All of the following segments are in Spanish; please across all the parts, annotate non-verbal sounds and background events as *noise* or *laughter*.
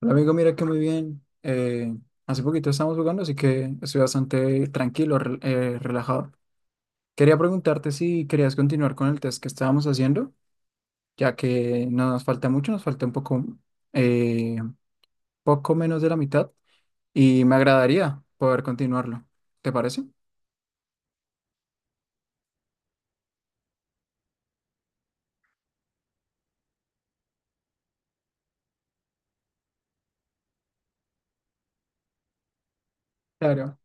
Hola amigo, mira que muy bien. Hace poquito estamos jugando, así que estoy bastante tranquilo, relajado. Quería preguntarte si querías continuar con el test que estábamos haciendo, ya que no nos falta mucho, nos falta un poco, eh, poco menos de la mitad y me agradaría poder continuarlo. ¿Te parece? Claro.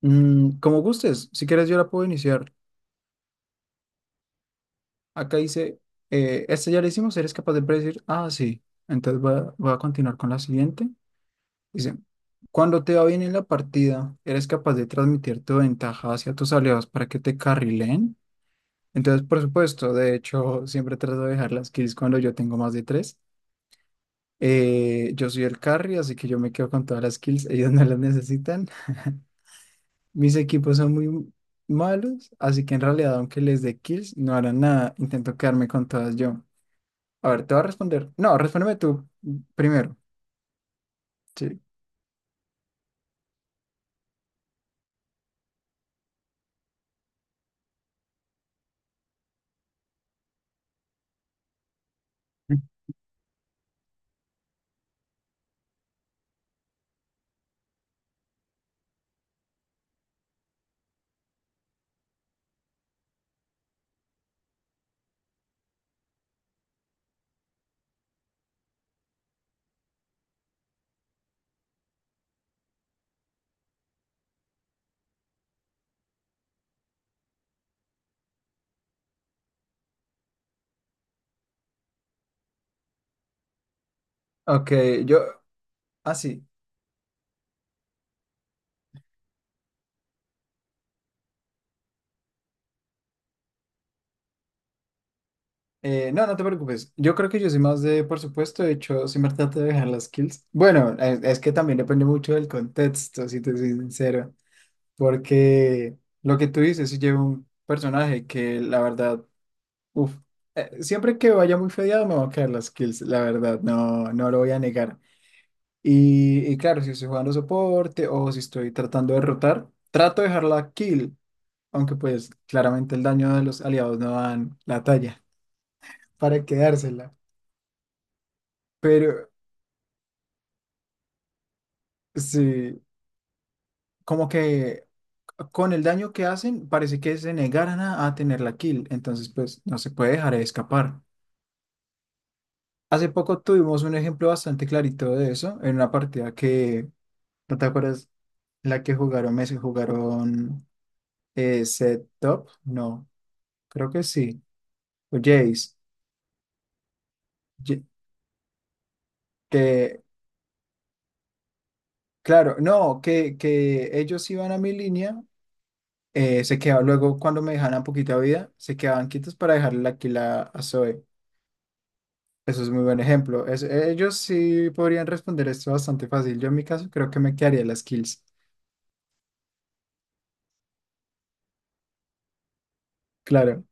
Mm, como gustes, si quieres yo la puedo iniciar. Acá dice, este ya lo hicimos. ¿Eres capaz de predecir? Ah, sí. Entonces voy a continuar con la siguiente. Dice, cuando te va bien en la partida, eres capaz de transmitir tu ventaja hacia tus aliados para que te carrileen. Entonces, por supuesto, de hecho, siempre trato de dejar las kills cuando yo tengo más de tres. Yo soy el carry, así que yo me quedo con todas las kills, ellos no las necesitan. Mis equipos son muy malos, así que en realidad, aunque les dé kills, no harán nada. Intento quedarme con todas yo. A ver, te voy a responder. No, respóndeme tú primero. Sí. Ok, yo, así. No, no te preocupes. Yo creo que yo soy más de, por supuesto, de hecho, siempre trato de dejar las kills. Bueno, es que también depende mucho del contexto, si te soy sincero. Porque lo que tú dices, si llevo un personaje que la verdad, uff, siempre que vaya muy fedeado me van a caer las kills, la verdad, no lo voy a negar. Y claro, si estoy jugando soporte o si estoy tratando de rotar, trato de dejar la kill, aunque pues claramente el daño de los aliados no dan la talla para quedársela. Pero sí, como que con el daño que hacen, parece que se negaran a tener la kill, entonces pues no se puede dejar de escapar. Hace poco tuvimos un ejemplo bastante clarito de eso, en una partida que, ¿no te acuerdas? La que jugaron Messi, jugaron Set Top, no, creo que sí, o Jace, Ye- que, claro, no, que ellos iban a mi línea, se quedaban, luego cuando me dejaban poquita vida, se quedaban quietos para dejarle la kill a Zoe. Eso es muy buen ejemplo. Ellos sí podrían responder esto bastante fácil. Yo en mi caso creo que me quedaría las kills. Claro.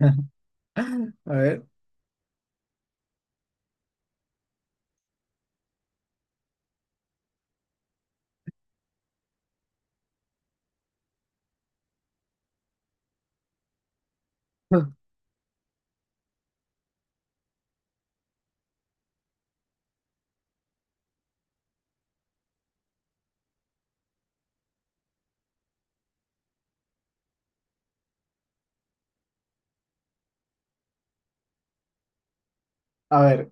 *laughs* A ver. A ver,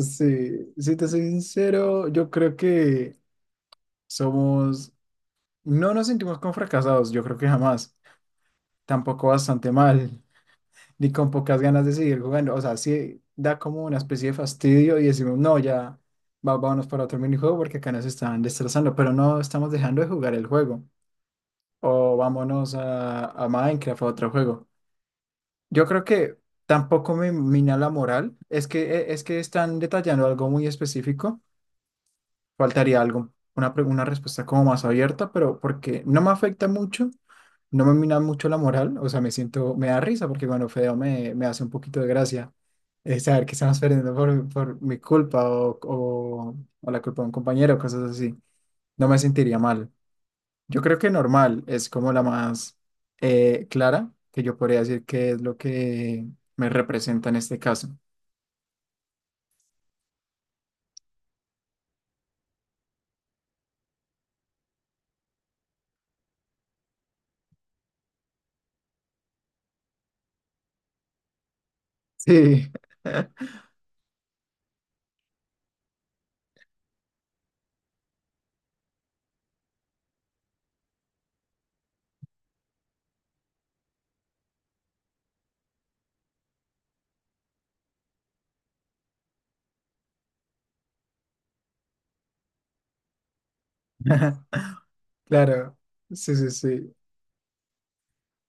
sí, si te soy sincero, yo creo que somos, no nos sentimos como fracasados, yo creo que jamás, tampoco bastante mal, ni con pocas ganas de seguir jugando, o sea, sí da como una especie de fastidio y decimos, no, ya vámonos para otro minijuego porque acá nos están destrozando, pero no estamos dejando de jugar el juego. O vámonos a Minecraft, a otro juego. Yo creo que tampoco me mina la moral. Es que están detallando algo muy específico. Faltaría algo, una respuesta como más abierta, pero porque no me afecta mucho, no me mina mucho la moral. O sea, me siento, me da risa porque cuando feo me, me hace un poquito de gracia saber que estamos *laughs* perdiendo por mi culpa o la culpa de un compañero, cosas así. No me sentiría mal. Yo creo que normal es como la más clara, que yo podría decir que es lo que me representa en este caso. Sí, *laughs* ujú, claro, sí, sí, sí.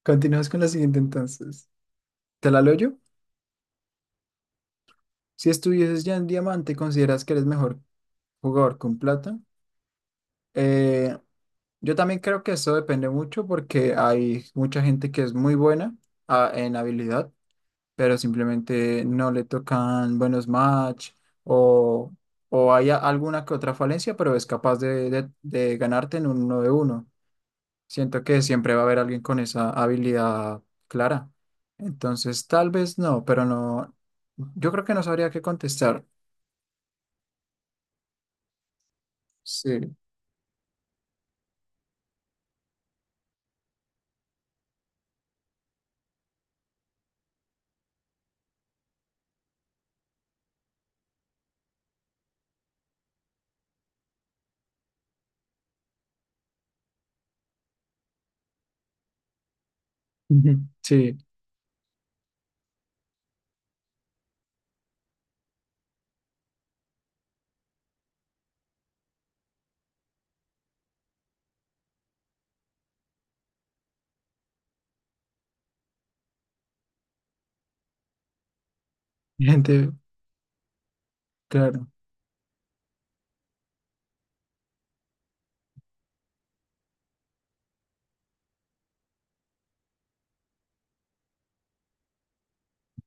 Continuamos con la siguiente entonces. ¿Te la leo yo? Si estuvieses ya en diamante, ¿consideras que eres mejor jugador con plata? Eh, yo también creo que eso depende mucho porque hay mucha gente que es muy buena en habilidad, pero simplemente no le tocan buenos match o, o hay alguna que otra falencia, pero es capaz de, de ganarte en un uno de uno. Siento que siempre va a haber alguien con esa habilidad clara. Entonces, tal vez no, pero no, yo creo que no sabría qué contestar. Sí, ujú, sí, *laughs* gente, claro.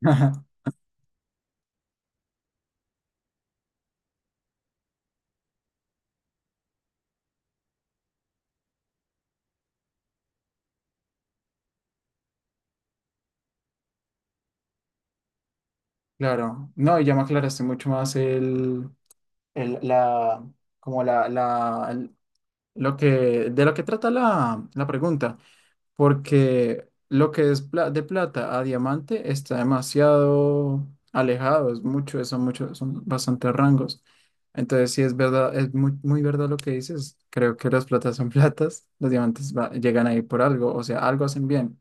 Ajá, claro, no, y ya me aclaraste mucho más el- la, como Lo que, de lo que trata la pregunta, porque lo que es de plata a diamante está demasiado alejado, es mucho, son muchos, son bastantes rangos. Entonces, sí es verdad, es muy, muy verdad lo que dices. Creo que las platas son *laughs* platas, los diamantes llegan ahí por algo, o sea, algo hacen bien.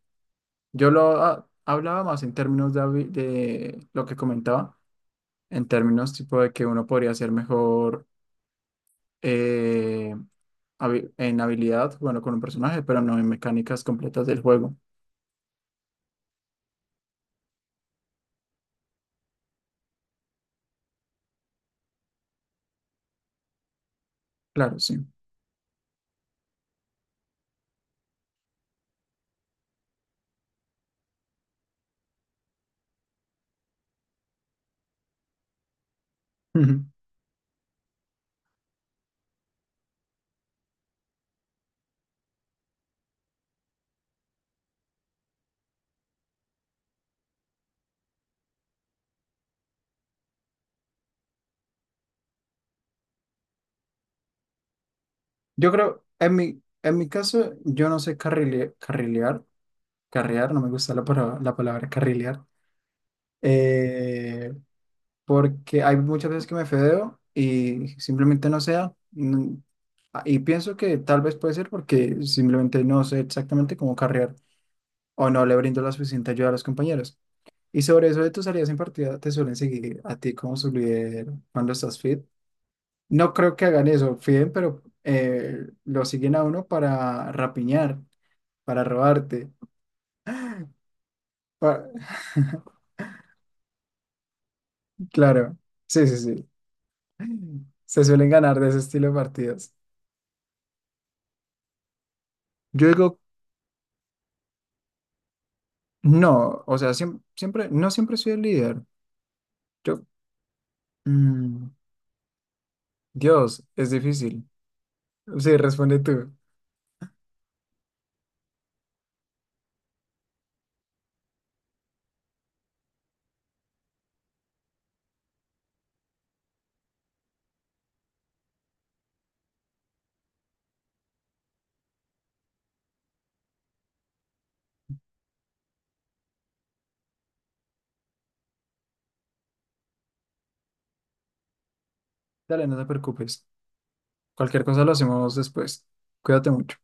Yo lo hablaba más en términos de, de lo que comentaba, en términos tipo de que uno podría ser mejor. eh, en habilidad, bueno, con un personaje, pero no en mecánicas completas del juego. Claro, sí. Ujú. Yo creo, en mi caso, yo no sé carrilear, carrear, no me gusta la palabra carrilear, eh, porque hay muchas veces que me fedeo y simplemente no sea. Mm, y pienso que tal vez puede ser porque simplemente no sé exactamente cómo carrear o no le brindo la suficiente ayuda a los compañeros. Y sobre eso de tus salidas en partida, ¿te suelen seguir a ti como su líder cuando estás fit? No creo que hagan eso, fiden, pero lo siguen a uno para rapiñar, para robarte. pa- *laughs* Claro, sí, sí, sí. Se suelen ganar de ese estilo de partidas. Yo digo, no, o sea, siempre, no siempre soy el líder. Yo, mm, Dios, es difícil. Sí, responde tú. Dale, no te preocupes. Cualquier cosa lo hacemos después. Cuídate mucho.